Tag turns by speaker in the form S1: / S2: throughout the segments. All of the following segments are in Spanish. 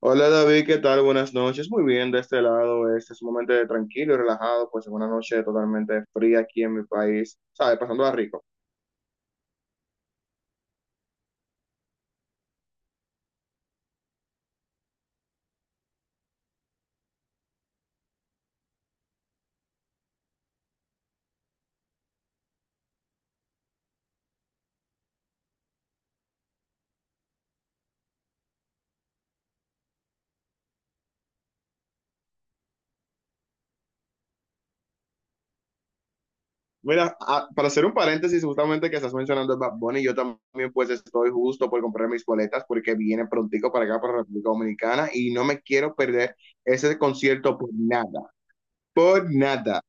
S1: Hola David, ¿qué tal? Buenas noches. Muy bien, de este lado este es un momento de tranquilo y relajado, pues en una noche totalmente fría aquí en mi país, ¿sabes? Pasándola rico. Mira, para hacer un paréntesis, justamente que estás mencionando a Bad Bunny, yo también pues estoy justo por comprar mis boletas porque viene prontico para acá, para República Dominicana y no me quiero perder ese concierto por nada, por nada.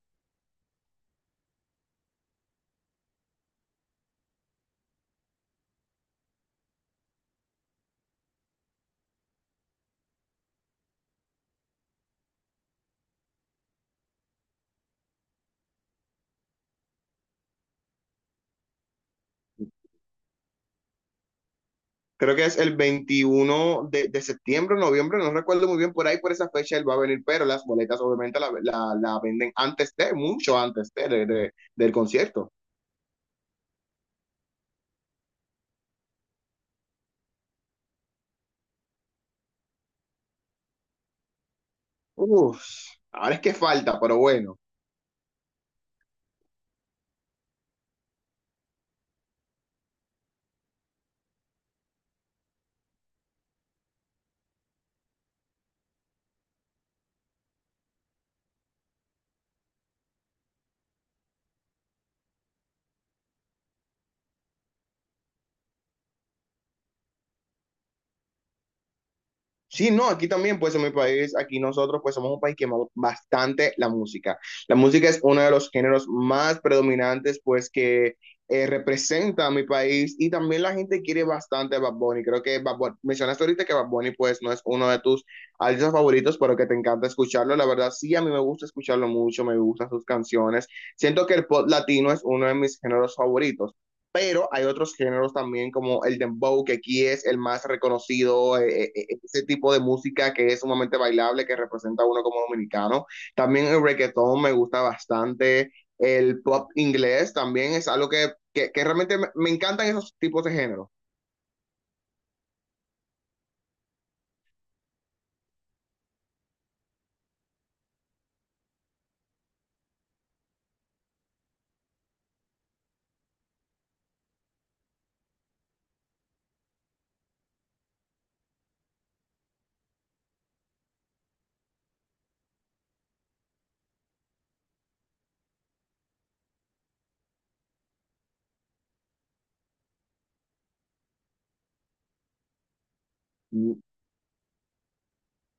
S1: Creo que es el 21 de septiembre, noviembre, no recuerdo muy bien por ahí, por esa fecha él va a venir, pero las boletas obviamente la venden antes de, mucho antes del concierto. Uf, ahora es que falta, pero bueno. Sí, no, aquí también, pues en mi país, aquí nosotros, pues somos un país que amamos bastante la música. La música es uno de los géneros más predominantes, pues que representa a mi país y también la gente quiere bastante a Bad Bunny. Creo que mencionaste ahorita que Bad Bunny, pues no es uno de tus artistas favoritos, pero que te encanta escucharlo. La verdad, sí, a mí me gusta escucharlo mucho, me gustan sus canciones. Siento que el pop latino es uno de mis géneros favoritos, pero hay otros géneros también como el dembow, que aquí es el más reconocido, ese tipo de música que es sumamente bailable, que representa a uno como dominicano. También el reggaetón me gusta bastante, el pop inglés también es algo que realmente me encantan esos tipos de géneros.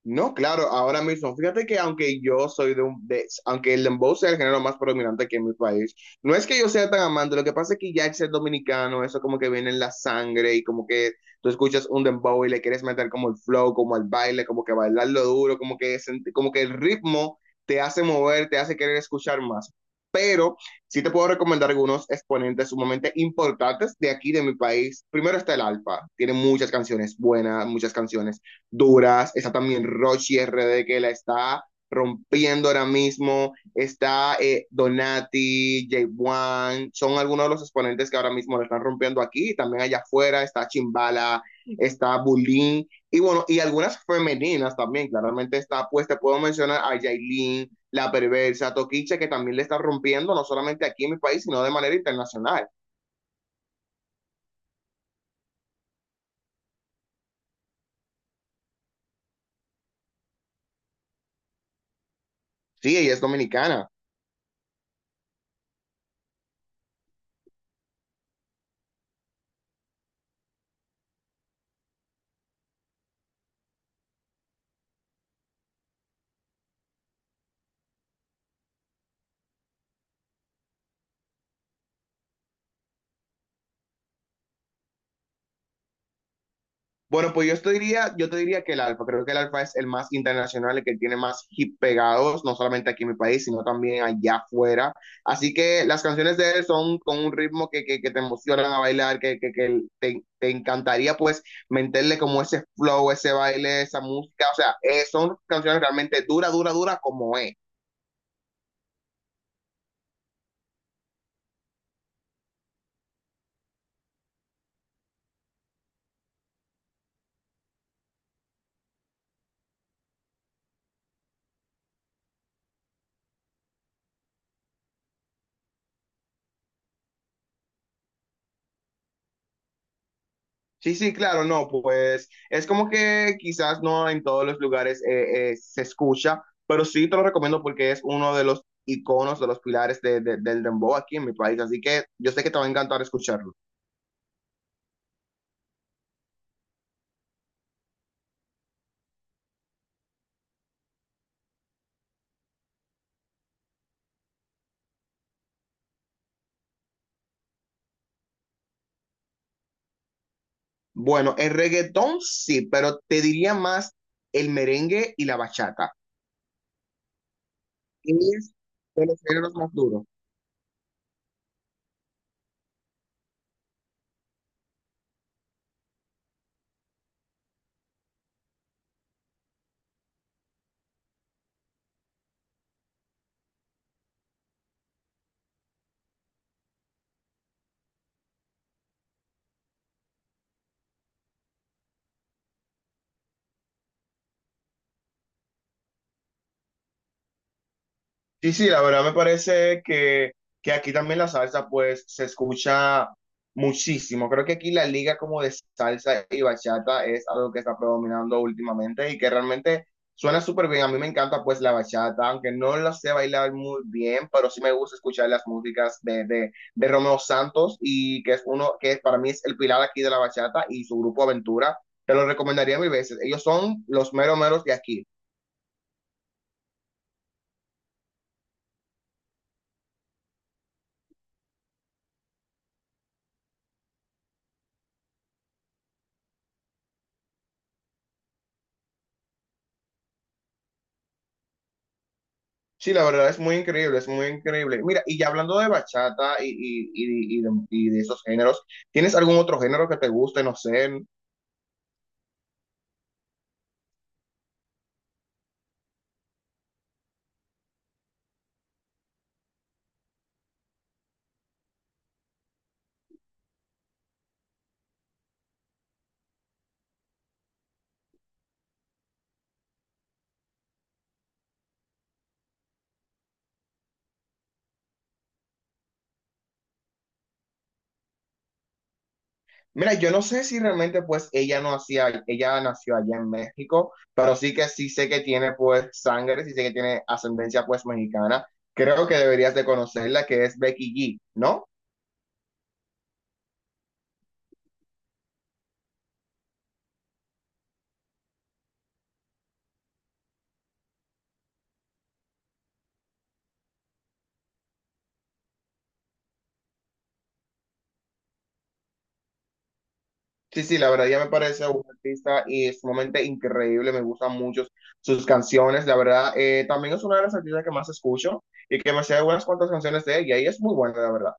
S1: No, claro, ahora mismo, fíjate que aunque yo soy aunque el dembow sea el género más predominante aquí en mi país, no es que yo sea tan amante, lo que pasa es que ya el ser dominicano, eso como que viene en la sangre y como que tú escuchas un dembow y le quieres meter como el flow, como el baile, como que bailarlo duro, como que, como que el ritmo te hace mover, te hace querer escuchar más. Pero sí te puedo recomendar algunos exponentes sumamente importantes de aquí, de mi país. Primero está el Alfa, tiene muchas canciones buenas, muchas canciones duras. Está también Rochi RD que la está rompiendo ahora mismo. Está Donati, J1, son algunos de los exponentes que ahora mismo le están rompiendo aquí. También allá afuera está Chimbala, está Bulín y bueno, y algunas femeninas también. Claramente está, pues te puedo mencionar a Yailin, La Perversa, Toquiche, que también le está rompiendo, no solamente aquí en mi país, sino de manera internacional. Sí, ella es dominicana. Bueno, pues yo te diría que el Alfa, creo que el Alfa es el más internacional, el que tiene más hit pegados, no solamente aquí en mi país, sino también allá afuera. Así que las canciones de él son con un ritmo que te emocionan a bailar, que te encantaría pues meterle como ese flow, ese baile, esa música. O sea, son canciones realmente dura, dura, dura como es. Sí, sí, claro, no, pues es como que quizás no en todos los lugares se escucha, pero sí te lo recomiendo porque es uno de los iconos, de los pilares del dembow aquí en mi país, así que yo sé que te va a encantar escucharlo. Bueno, el reggaetón sí, pero te diría más el merengue y la bachata. Es de los géneros más duros. Sí, sí, la verdad me parece que aquí también la salsa pues se escucha muchísimo. Creo que aquí la liga como de salsa y bachata es algo que está predominando últimamente y que realmente suena súper bien. A mí me encanta pues la bachata, aunque no la sé bailar muy bien, pero sí me gusta escuchar las músicas de Romeo Santos y que es uno que para mí es el pilar aquí de la bachata y su grupo Aventura. Te lo recomendaría mil veces. Ellos son los meros meros de aquí. Sí, la verdad es muy increíble, es muy increíble. Mira, y ya hablando de bachata y de esos géneros, ¿tienes algún otro género que te guste? No sé. Mira, yo no sé si realmente pues ella no hacía, ella nació allá en México, pero sí que sí sé que tiene pues sangre, sí sé que tiene ascendencia pues mexicana. Creo que deberías de conocerla, que es Becky G, ¿no? Sí, sí, la verdad ya me parece un artista y sumamente increíble, me gustan mucho sus canciones, la verdad, también es una de las artistas que más escucho y que me sé unas cuantas canciones de ella y es muy buena, la verdad.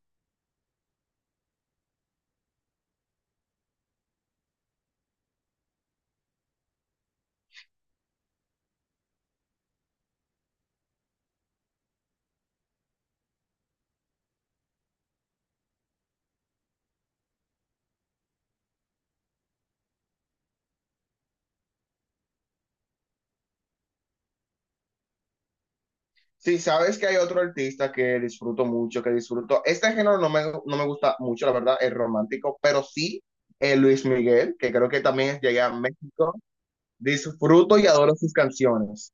S1: Sí, sabes que hay otro artista que disfruto mucho, que disfruto, este género no me gusta mucho, la verdad, es romántico, pero sí Luis Miguel, que creo que también llegué a México, disfruto y adoro sus canciones.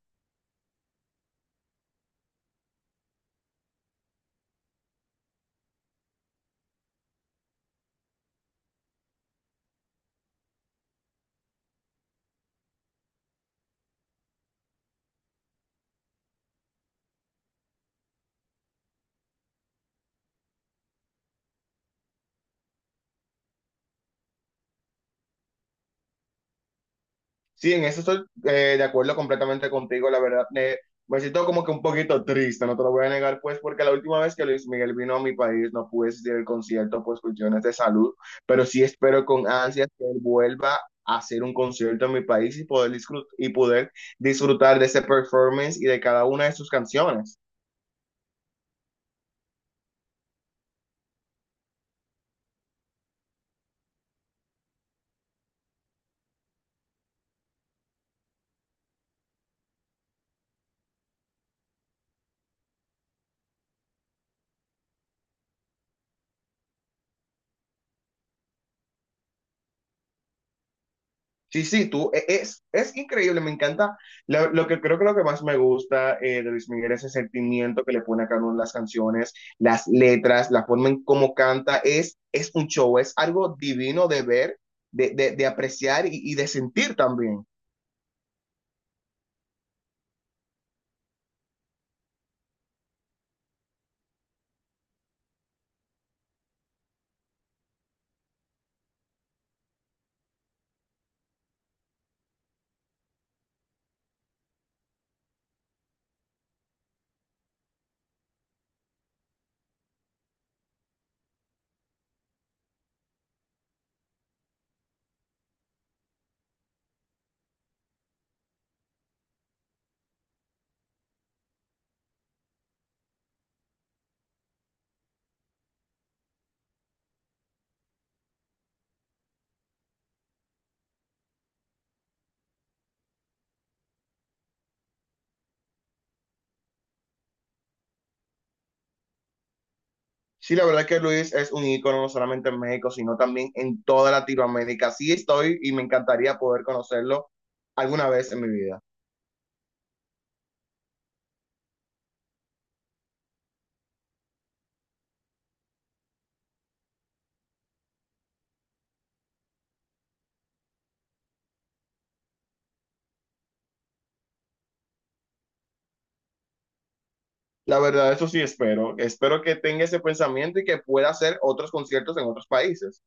S1: Sí, en eso estoy de acuerdo completamente contigo, la verdad. Me siento como que un poquito triste, no te lo voy a negar, pues, porque la última vez que Luis Miguel vino a mi país no pude asistir al concierto por cuestiones de salud, pero sí espero con ansias que él vuelva a hacer un concierto en mi país y poder, poder disfrutar de ese performance y de cada una de sus canciones. Sí, sí, es increíble, me encanta. Lo que creo que lo que más me gusta de Luis Miguel es el sentimiento que le pone a cada una de las canciones, las letras, la forma en cómo canta, es un show, es algo divino de ver, de apreciar y de sentir también. Sí, la verdad que Luis es un ícono no solamente en México, sino también en toda Latinoamérica. Sí estoy y me encantaría poder conocerlo alguna vez en mi vida. La verdad, eso sí espero. Espero que tenga ese pensamiento y que pueda hacer otros conciertos en otros países.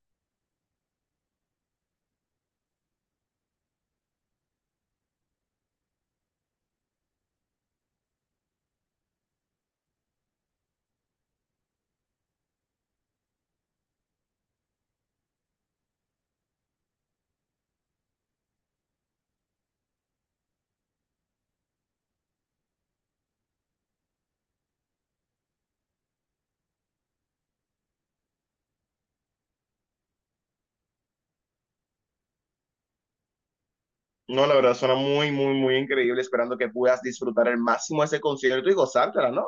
S1: No, la verdad, suena muy, muy, muy increíble, esperando que puedas disfrutar al máximo ese concierto y gozártela, ¿no?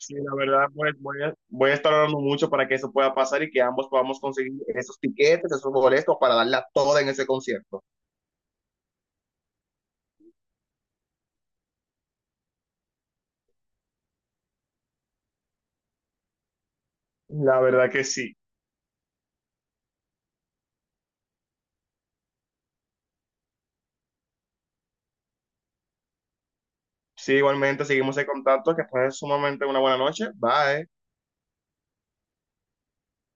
S1: Sí, la verdad, pues voy voy a estar orando mucho para que eso pueda pasar y que ambos podamos conseguir esos tiquetes, esos boletos para darla toda en ese concierto. La verdad que sí. Sí, igualmente seguimos en contacto, que fue sumamente una buena noche. Bye.